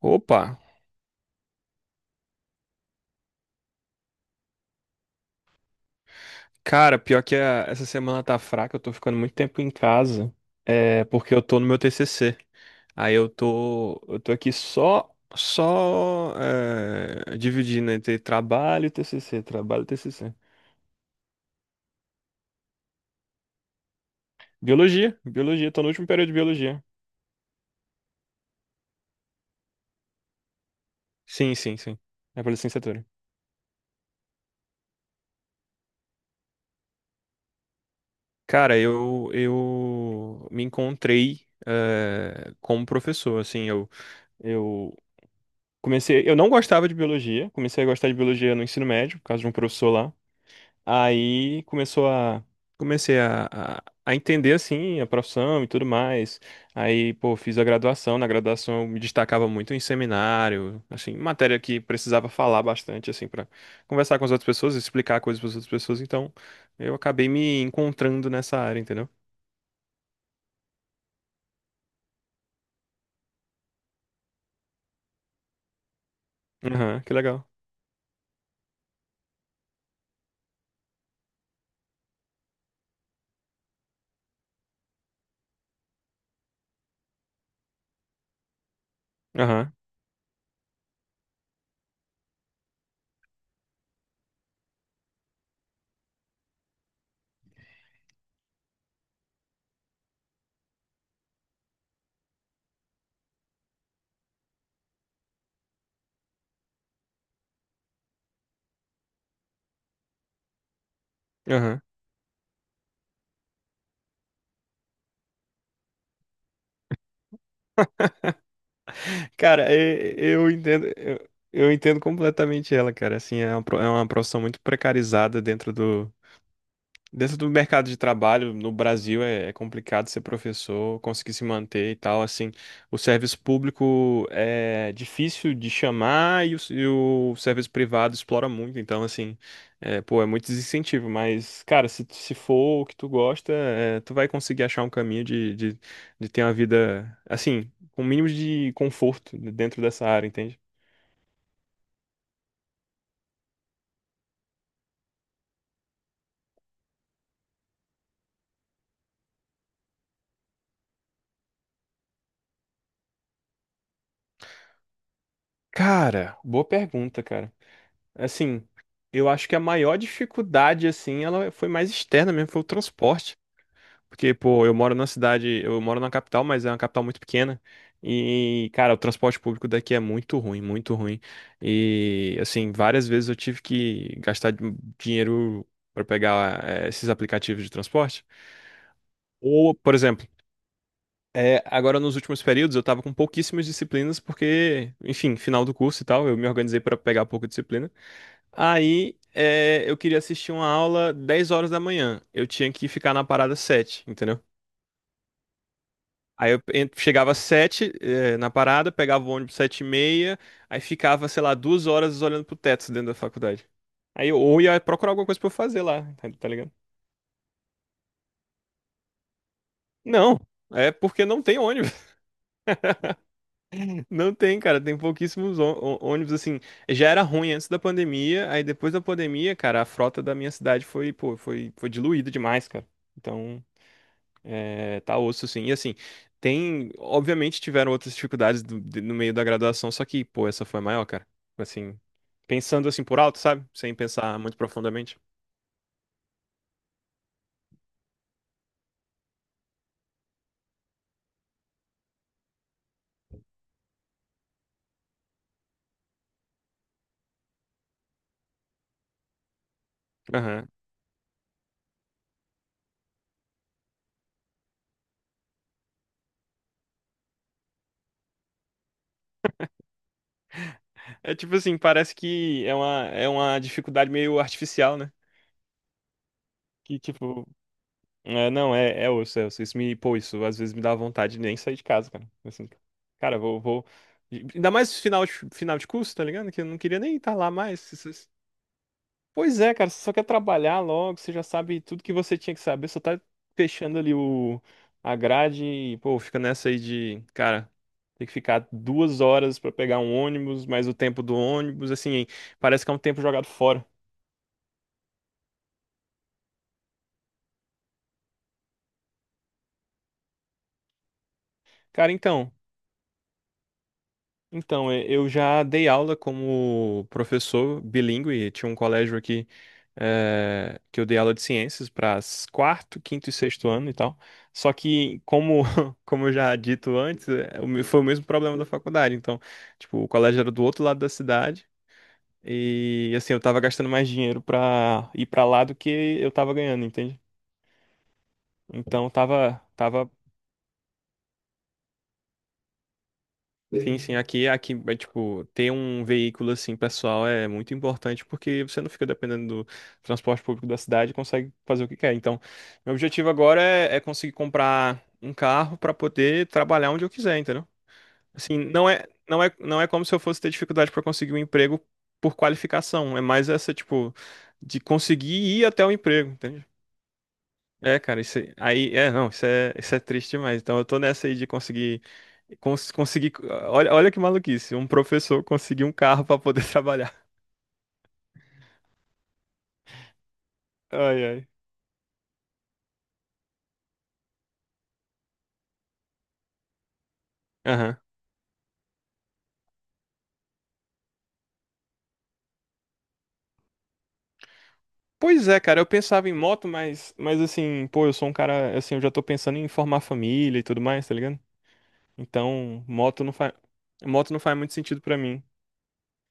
Opa! Cara, pior que essa semana tá fraca, eu tô ficando muito tempo em casa, é porque eu tô no meu TCC. Eu tô aqui só, dividindo entre trabalho e TCC, trabalho e TCC. Biologia, biologia, tô no último período de biologia. Sim, sim, sim. É pra licenciatura. Cara, eu me encontrei como professor, assim, eu comecei, eu não gostava de biologia, comecei a gostar de biologia no ensino médio, por causa de um professor lá. Aí começou a Comecei a entender assim a profissão e tudo mais. Aí, pô, fiz a graduação. Na graduação eu me destacava muito em seminário, assim, matéria que precisava falar bastante assim para conversar com as outras pessoas, explicar coisas para as outras pessoas. Então, eu acabei me encontrando nessa área, entendeu? Aham, que legal. Aham, aham. Cara, eu entendo, eu entendo completamente ela, cara. Assim, é uma profissão muito precarizada dentro do. Dentro do mercado de trabalho no Brasil é complicado ser professor, conseguir se manter e tal. Assim, o serviço público é difícil de chamar e e o serviço privado explora muito. Então, assim, é, pô, é muito desincentivo. Mas, cara, se for o que tu gosta, é, tu vai conseguir achar um caminho de ter uma vida, assim, com o mínimo de conforto dentro dessa área, entende? Cara, boa pergunta, cara. Assim, eu acho que a maior dificuldade, assim, ela foi mais externa mesmo, foi o transporte. Porque, pô, eu moro numa cidade, eu moro na capital, mas é uma capital muito pequena. E, cara, o transporte público daqui é muito ruim, muito ruim. E, assim, várias vezes eu tive que gastar dinheiro para pegar, esses aplicativos de transporte. Ou, por exemplo, é, agora nos últimos períodos eu tava com pouquíssimas disciplinas, porque, enfim, final do curso e tal, eu me organizei para pegar pouca disciplina. Eu queria assistir uma aula 10 horas da manhã. Eu tinha que ficar na parada 7, entendeu? Chegava às 7, é, na parada, pegava o ônibus 7 e meia, aí ficava, sei lá, 2 horas olhando pro teto dentro da faculdade. Aí eu ou ia procurar alguma coisa pra eu fazer lá, tá ligado? Não, é porque não tem ônibus. Não tem, cara, tem pouquíssimos ônibus, assim. Já era ruim antes da pandemia, aí depois da pandemia, cara, a frota da minha cidade foi, pô, foi diluída demais, cara. Então. É, tá osso, sim. E assim, tem. Obviamente tiveram outras dificuldades no meio da graduação, só que, pô, essa foi a maior, cara. Assim, pensando assim por alto, sabe? Sem pensar muito profundamente. Aham. É tipo assim, parece que é uma dificuldade meio artificial, né? Que tipo, é, não, é, é osso, é osso. Isso me, pô, isso às vezes me dá vontade de nem sair de casa, cara. Assim, cara, vou. Ainda mais final de curso, tá ligado? Que eu não queria nem estar lá mais. Pois é, cara, você só quer trabalhar logo, você já sabe tudo que você tinha que saber, só tá fechando ali a grade e, pô, fica nessa aí de, cara, tem que ficar 2 horas pra pegar um ônibus, mais o tempo do ônibus, assim, parece que é um tempo jogado fora. Cara, então. Então, eu já dei aula como professor bilíngue, tinha um colégio aqui que eu dei aula de ciências para quarto, quinto e sexto ano e tal. Só que, como, como eu já dito antes, foi o mesmo problema da faculdade. Então, tipo, o colégio era do outro lado da cidade e, assim, eu tava gastando mais dinheiro pra ir pra lá do que eu tava ganhando, entende? Então, tava. Sim, sim, aqui, é, tipo, ter um veículo, assim, pessoal é muito importante porque você não fica dependendo do transporte público da cidade e consegue fazer o que quer. Então, meu objetivo agora é conseguir comprar um carro para poder trabalhar onde eu quiser, entendeu? Assim, não é como se eu fosse ter dificuldade para conseguir um emprego por qualificação, é mais essa, tipo, de conseguir ir até o emprego, entende? É, cara, isso aí, é, não, isso é triste demais. Então eu tô nessa aí de conseguir conseguir, olha que maluquice, um professor conseguir um carro pra poder trabalhar. Ai, ai. Aham. Pois é, cara, eu pensava em moto, mas assim, pô, eu sou um cara, assim, eu já tô pensando em formar família e tudo mais, tá ligado? Então, moto não faz muito sentido pra mim.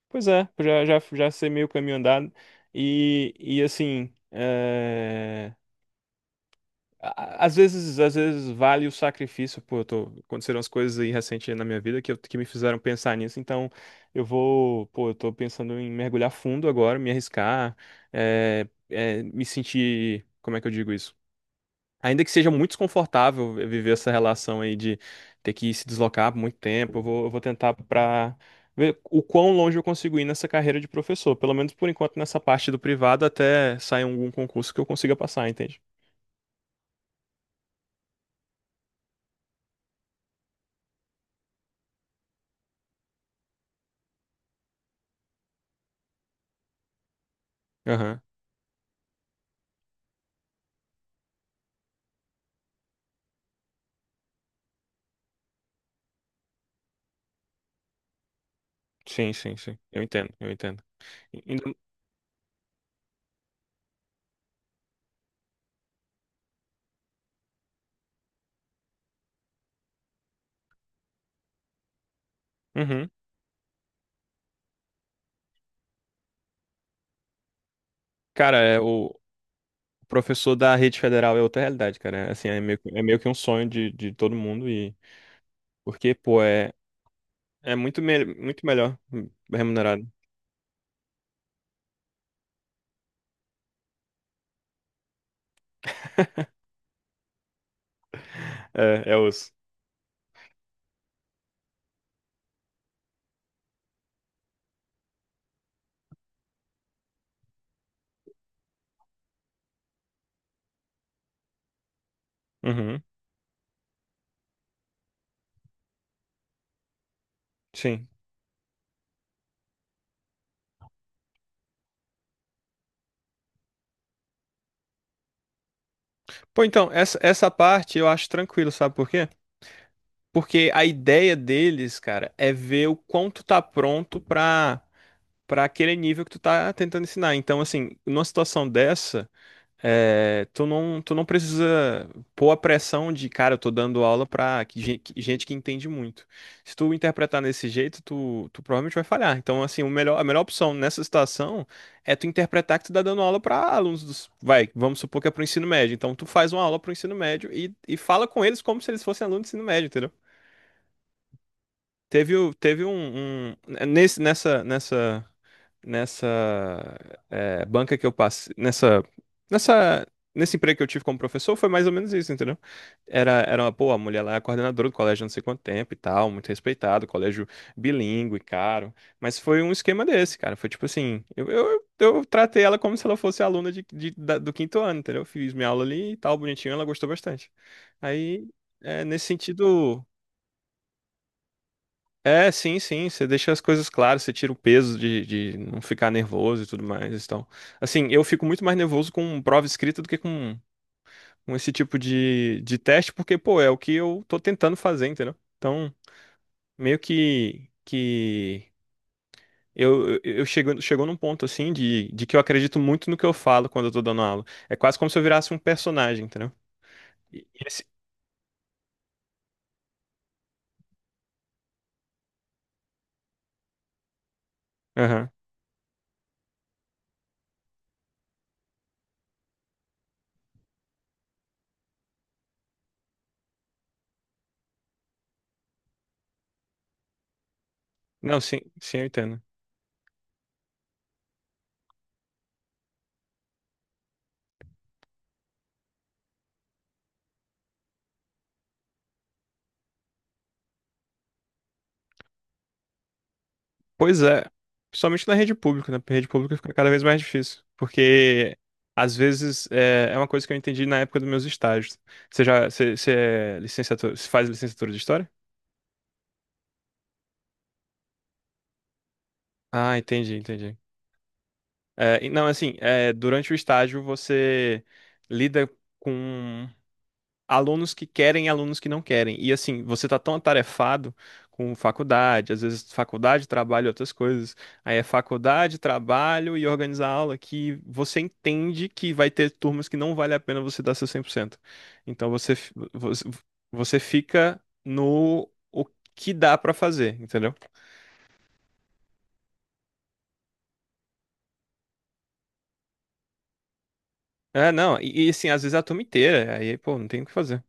Pois é, eu já já sei meio caminho andado e assim, às vezes vale o sacrifício, pô, eu tô, aconteceram as coisas aí recente na minha vida que me fizeram pensar nisso, então eu vou, pô, eu tô pensando em mergulhar fundo agora, me arriscar, me sentir, como é que eu digo isso? Ainda que seja muito desconfortável viver essa relação aí de ter que se deslocar por muito tempo, eu vou tentar pra ver o quão longe eu consigo ir nessa carreira de professor, pelo menos por enquanto nessa parte do privado até sair algum concurso que eu consiga passar, entende? Aham. Sim, sim, sim. Eu entendo, eu entendo. Ainda... Uhum. Cara, é, o professor da rede federal é outra realidade, cara. É, assim, é meio, é meio que um sonho de todo mundo e... Porque, pô, é, é muito, me... muito melhor remunerado. É, é os... Uhum. Sim. Pô, então, essa parte eu acho tranquilo, sabe por quê? Porque a ideia deles, cara, é ver o quanto tá pronto pra aquele nível que tu tá tentando ensinar. Então, assim, numa situação dessa... É, tu não precisa pôr a pressão de, cara, eu tô dando aula pra gente que entende muito. Se tu interpretar nesse jeito, tu provavelmente vai falhar. Então, assim, a melhor opção nessa situação é tu interpretar que tu tá dando aula pra alunos dos, vai, vamos supor que é pro ensino médio. Então, tu faz uma aula pro ensino médio e fala com eles como se eles fossem alunos do ensino médio, entendeu? Teve, o- teve um, um- nesse, nessa, nessa nessa é, banca que eu passei, nessa, nesse emprego que eu tive como professor, foi mais ou menos isso, entendeu? Era uma, pô, a mulher lá é coordenadora do colégio há não sei quanto tempo e tal, muito respeitado, colégio bilíngue, caro, mas foi um esquema desse, cara, foi tipo assim, eu tratei ela como se ela fosse aluna do quinto ano, entendeu? Fiz minha aula ali e tal, bonitinho, ela gostou bastante. Aí, é, nesse sentido... É, sim, sim. Você deixa as coisas claras, você tira o peso de não ficar nervoso e tudo mais. Então, assim, eu fico muito mais nervoso com prova escrita do que com esse tipo de teste, porque, pô, é o que eu tô tentando fazer, entendeu? Então, meio que eu eu chego, chegou num ponto, assim, de que eu acredito muito no que eu falo quando eu tô dando aula. É quase como se eu virasse um personagem, entendeu? E- e esse- Aham. Não, sim, sim, eu entendo. Pois é, principalmente na rede pública, né? Porque a rede pública fica cada vez mais difícil, porque às vezes é uma coisa que eu entendi na época dos meus estágios. Você já, você é licenciatura, você faz licenciatura de história? Ah, entendi, entendi. É, e não, assim, é, durante o estágio você lida com alunos que querem e alunos que não querem. E assim, você tá tão atarefado com faculdade, às vezes faculdade, trabalho, e outras coisas. Aí é faculdade, trabalho e organizar aula que você entende que vai ter turmas que não vale a pena você dar seu 100%. Então você fica no o que dá pra fazer, entendeu? É, não, e assim, às vezes é a turma inteira, aí, pô, não tem o que fazer.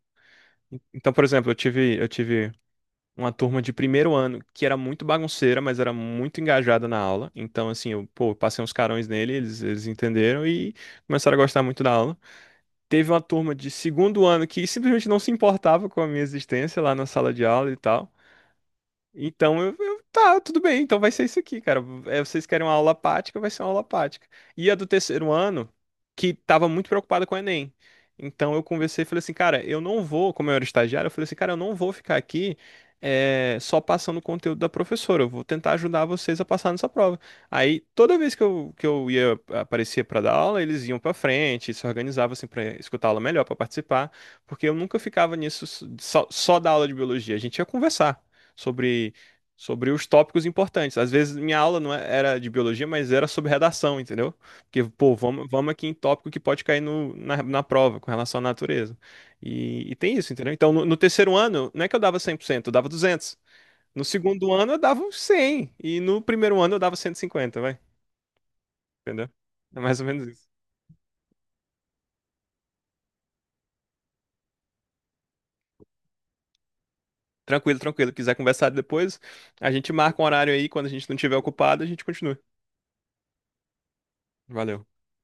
Então, por exemplo, eu tive uma turma de primeiro ano que era muito bagunceira, mas era muito engajada na aula. Então, assim, eu, pô, eu passei uns carões nele, eles entenderam e começaram a gostar muito da aula. Teve uma turma de segundo ano que simplesmente não se importava com a minha existência lá na sala de aula e tal. Então, tá, tudo bem, então vai ser isso aqui, cara. É, vocês querem uma aula prática, vai ser uma aula prática. E a do terceiro ano, que tava muito preocupada com o Enem. Então eu conversei e falei assim, cara, eu não vou, como eu era estagiário, eu falei assim, cara, eu não vou ficar aqui só passando o conteúdo da professora, eu vou tentar ajudar vocês a passar nessa prova. Aí, toda vez que eu ia, aparecia pra dar aula, eles iam pra frente, se organizavam assim pra escutar a aula melhor, pra participar, porque eu nunca ficava nisso só da aula de biologia, a gente ia conversar sobre, sobre os tópicos importantes. Às vezes minha aula não é- era de biologia, mas era sobre redação, entendeu? Porque, pô, vamos aqui em tópico que pode cair no, na, na prova com relação à natureza. E tem isso, entendeu? Então, no terceiro ano, não é que eu dava 100%, eu dava 200. No segundo ano, eu dava uns 100. E no primeiro ano, eu dava 150 vai. Entendeu? É mais ou menos isso. Tranquilo, tranquilo. Quiser conversar depois, a gente marca um horário aí. Quando a gente não tiver ocupado, a gente continua. Valeu.